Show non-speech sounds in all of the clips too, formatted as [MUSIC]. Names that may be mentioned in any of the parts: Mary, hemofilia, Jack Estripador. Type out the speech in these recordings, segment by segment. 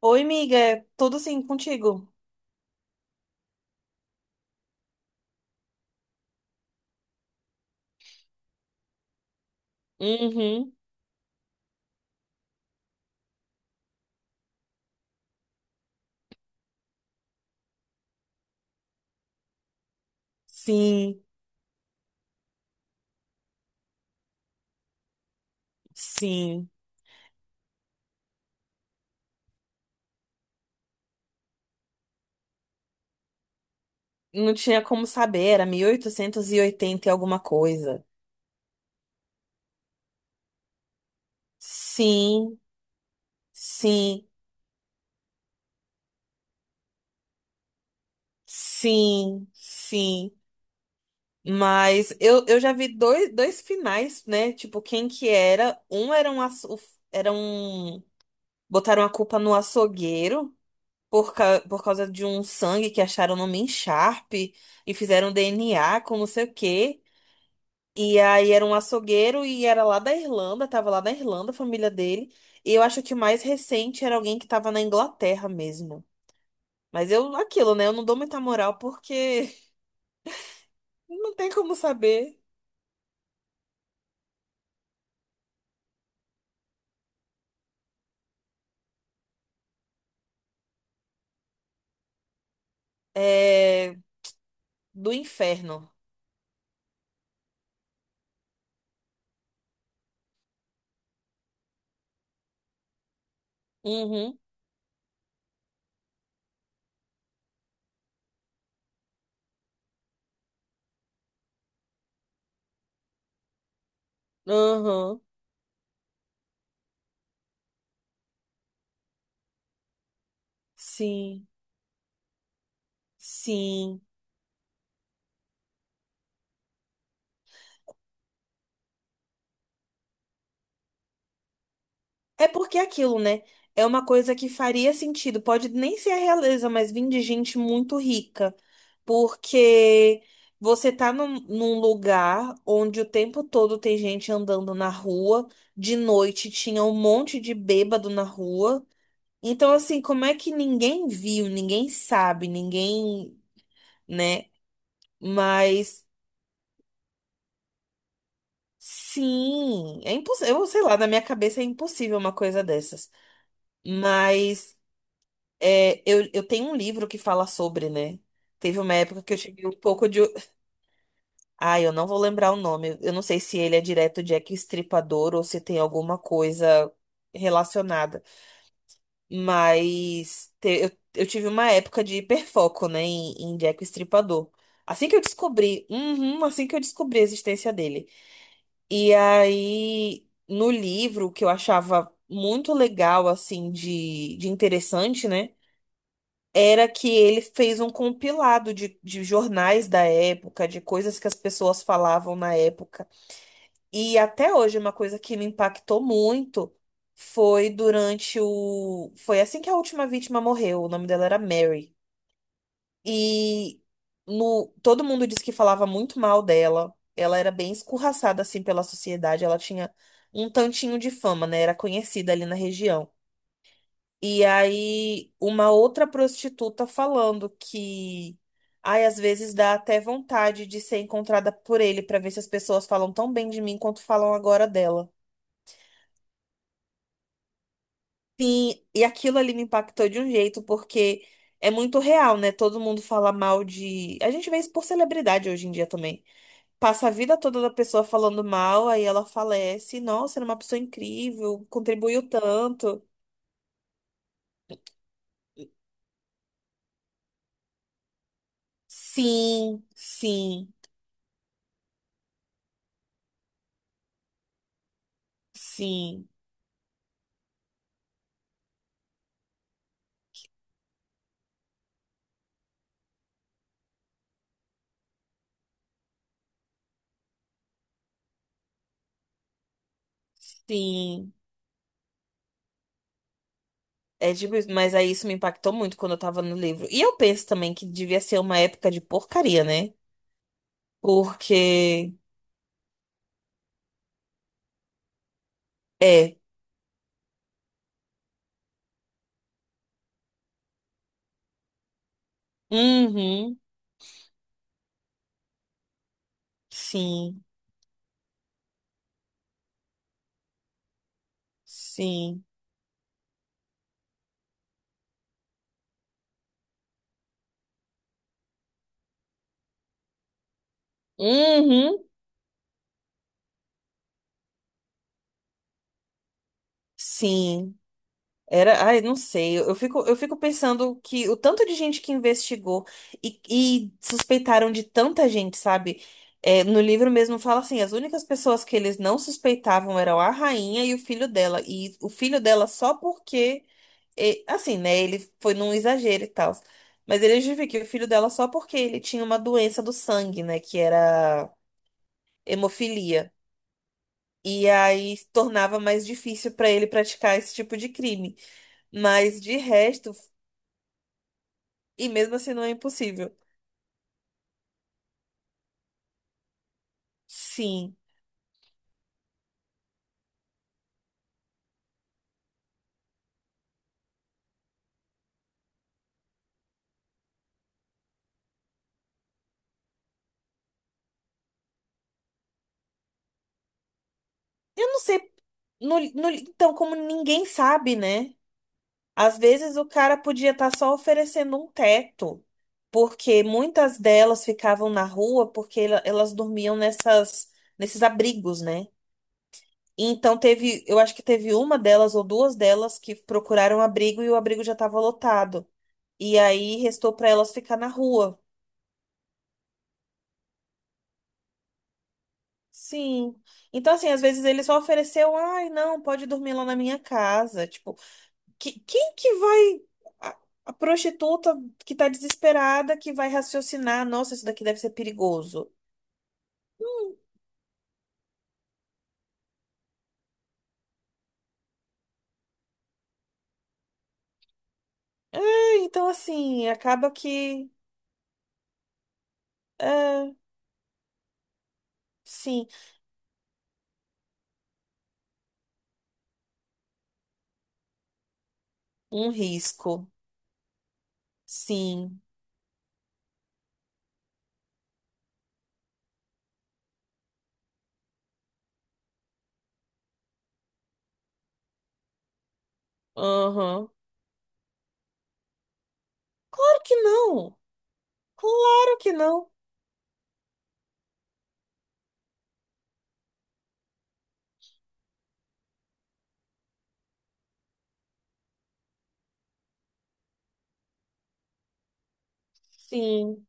Oi, miga, tudo sim contigo? Uhum. Sim, sim. Não tinha como saber, era 1880 e alguma coisa. Sim, sim, sim, sim. Mas eu já vi dois finais, né? Tipo, quem que era? Era um. Botaram a culpa no açougueiro por causa de um sangue que acharam numa encharpe e fizeram DNA com não sei o quê. E aí era um açougueiro e era lá da Irlanda, tava lá na Irlanda, a família dele. E eu acho que o mais recente era alguém que tava na Inglaterra mesmo. Mas eu, aquilo, né? Eu não dou muita moral porque [LAUGHS] não tem como saber. É do inferno. Uhum, uhum. Sim, sim. É porque é aquilo, né? É uma coisa que faria sentido. Pode nem ser a realeza, mas vim de gente muito rica. Porque você tá num lugar onde o tempo todo tem gente andando na rua, de noite tinha um monte de bêbado na rua. Então, assim, como é que ninguém viu, ninguém sabe, ninguém, né? Mas sim, é impossível. Eu sei lá, na minha cabeça é impossível uma coisa dessas. Mas. É, eu tenho um livro que fala sobre, né? Teve uma época que eu tive um pouco de. Ai, eu não vou lembrar o nome. Eu não sei se ele é direto Jack Estripador ou se tem alguma coisa relacionada. Mas eu tive uma época de hiperfoco, né, em Jack Estripador. Assim que eu descobri, uhum, assim que eu descobri a existência dele. E aí, no livro, que eu achava muito legal, assim, de interessante, né? Era que ele fez um compilado de jornais da época, de coisas que as pessoas falavam na época. E até hoje, uma coisa que me impactou muito foi durante o. Foi assim que a última vítima morreu. O nome dela era Mary. E no... todo mundo disse que falava muito mal dela. Ela era bem escorraçada assim pela sociedade. Ela tinha um tantinho de fama, né? Era conhecida ali na região. E aí, uma outra prostituta falando que, ai, às vezes dá até vontade de ser encontrada por ele pra ver se as pessoas falam tão bem de mim quanto falam agora dela. Sim, e aquilo ali me impactou de um jeito, porque é muito real, né? Todo mundo fala mal de. A gente vê isso por celebridade hoje em dia também. Passa a vida toda da pessoa falando mal, aí ela falece. Nossa, era uma pessoa incrível, contribuiu tanto. Sim, sim, sim. Sim, é tipo isso, mas aí isso me impactou muito quando eu tava no livro. E eu penso também que devia ser uma época de porcaria, né? Porque é. Uhum. Sim. Sim. Uhum. Sim. Era, ai, não sei. Eu fico pensando que o tanto de gente que investigou e suspeitaram de tanta gente, sabe? É, no livro mesmo fala assim, as únicas pessoas que eles não suspeitavam eram a rainha e o filho dela. E o filho dela só porque E, assim, né? Ele foi num exagero e tal. Mas ele justifica o filho dela só porque ele tinha uma doença do sangue, né? Que era hemofilia. E aí tornava mais difícil pra ele praticar esse tipo de crime. Mas de resto, e mesmo assim não é impossível. Sim. Eu não sei. Então, como ninguém sabe, né? Às vezes o cara podia estar só oferecendo um teto, porque muitas delas ficavam na rua porque elas dormiam nesses abrigos, né? E então teve, eu acho que teve uma delas ou duas delas que procuraram abrigo e o abrigo já estava lotado. E aí restou para elas ficar na rua. Sim. Então, assim, às vezes ele só ofereceu, ai, não, pode dormir lá na minha casa. Tipo, quem que vai. A, a prostituta que tá desesperada que vai raciocinar, nossa, isso daqui deve ser perigoso. Hum. É, então, assim, acaba que. É, sim, um risco. Sim. Aham. Claro que não. Claro que não. Sim.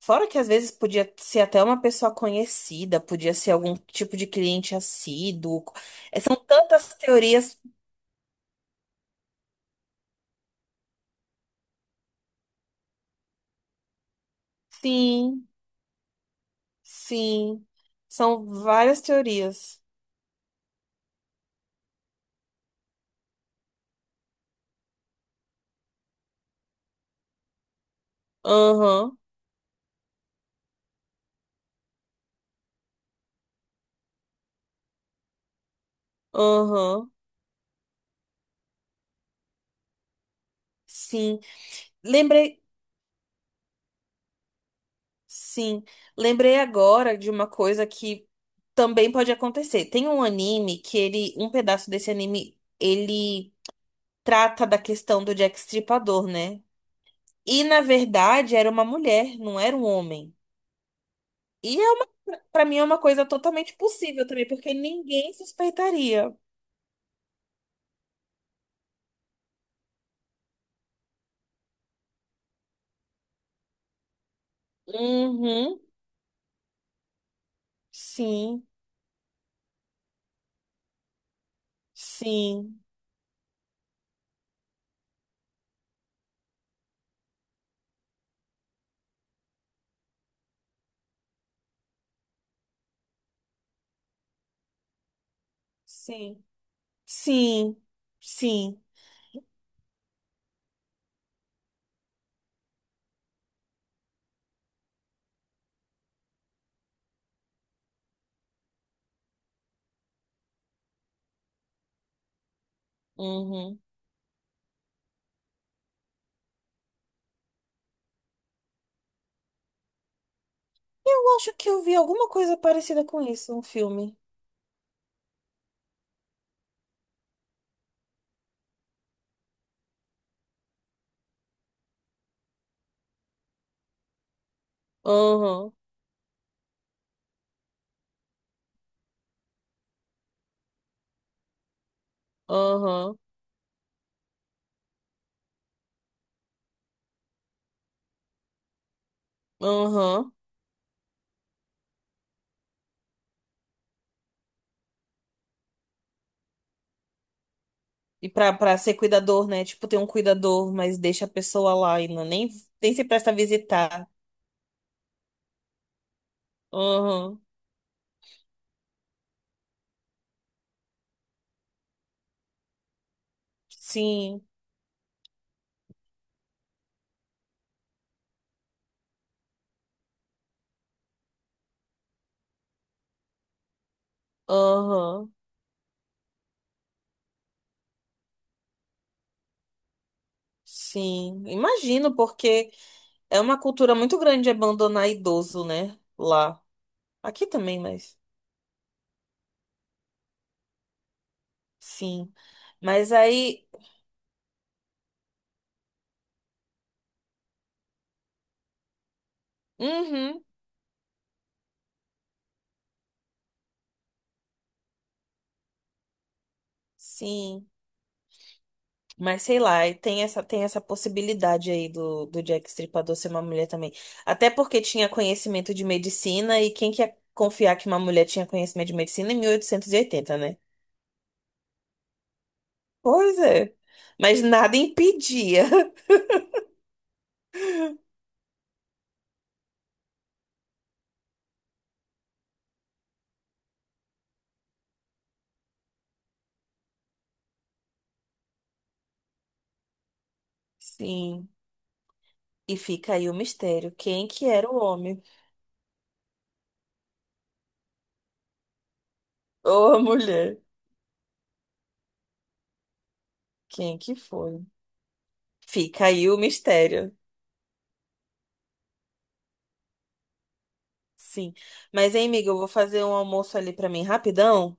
Fora que às vezes podia ser até uma pessoa conhecida, podia ser algum tipo de cliente assíduo. É, são tantas teorias. Sim. Sim, são várias teorias. Aham, aham, sim. Lembrei, sim, lembrei agora de uma coisa que também pode acontecer. Tem um anime que ele, um pedaço desse anime, ele trata da questão do Jack Stripador, né? E na verdade era uma mulher, não era um homem. E é, para mim é uma coisa totalmente possível também, porque ninguém suspeitaria. Uhum, sim, sim, sim. Sim, sim. Uhum. Eu acho que eu vi alguma coisa parecida com isso, um filme. Aham, aham, aham. E pra ser cuidador, né? Tipo, tem um cuidador, mas deixa a pessoa lá e não, nem se presta a visitar. Aham, sim, aham, sim. Imagino, porque é uma cultura muito grande abandonar idoso, né? Lá. Aqui também, mas sim. Mas aí. Uhum, sim. Mas sei lá, e tem essa possibilidade aí do Jack Stripador ser uma mulher também. Até porque tinha conhecimento de medicina, e quem quer confiar que uma mulher tinha conhecimento de medicina em 1880, né? Pois é. Mas nada impedia. [LAUGHS] Sim. E fica aí o mistério. Quem que era o homem? Ou a mulher? Quem que foi? Fica aí o mistério. Sim. Mas, hein, amiga, eu vou fazer um almoço ali pra mim rapidão.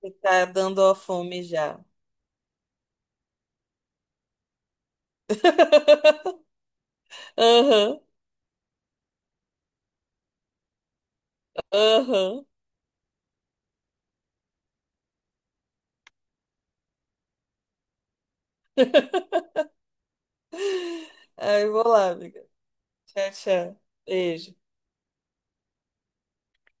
Que tá dando a fome já. [LAUGHS] Aham, aham. Aí eu vou lá, amiga. Tchau, tchau. Beijo.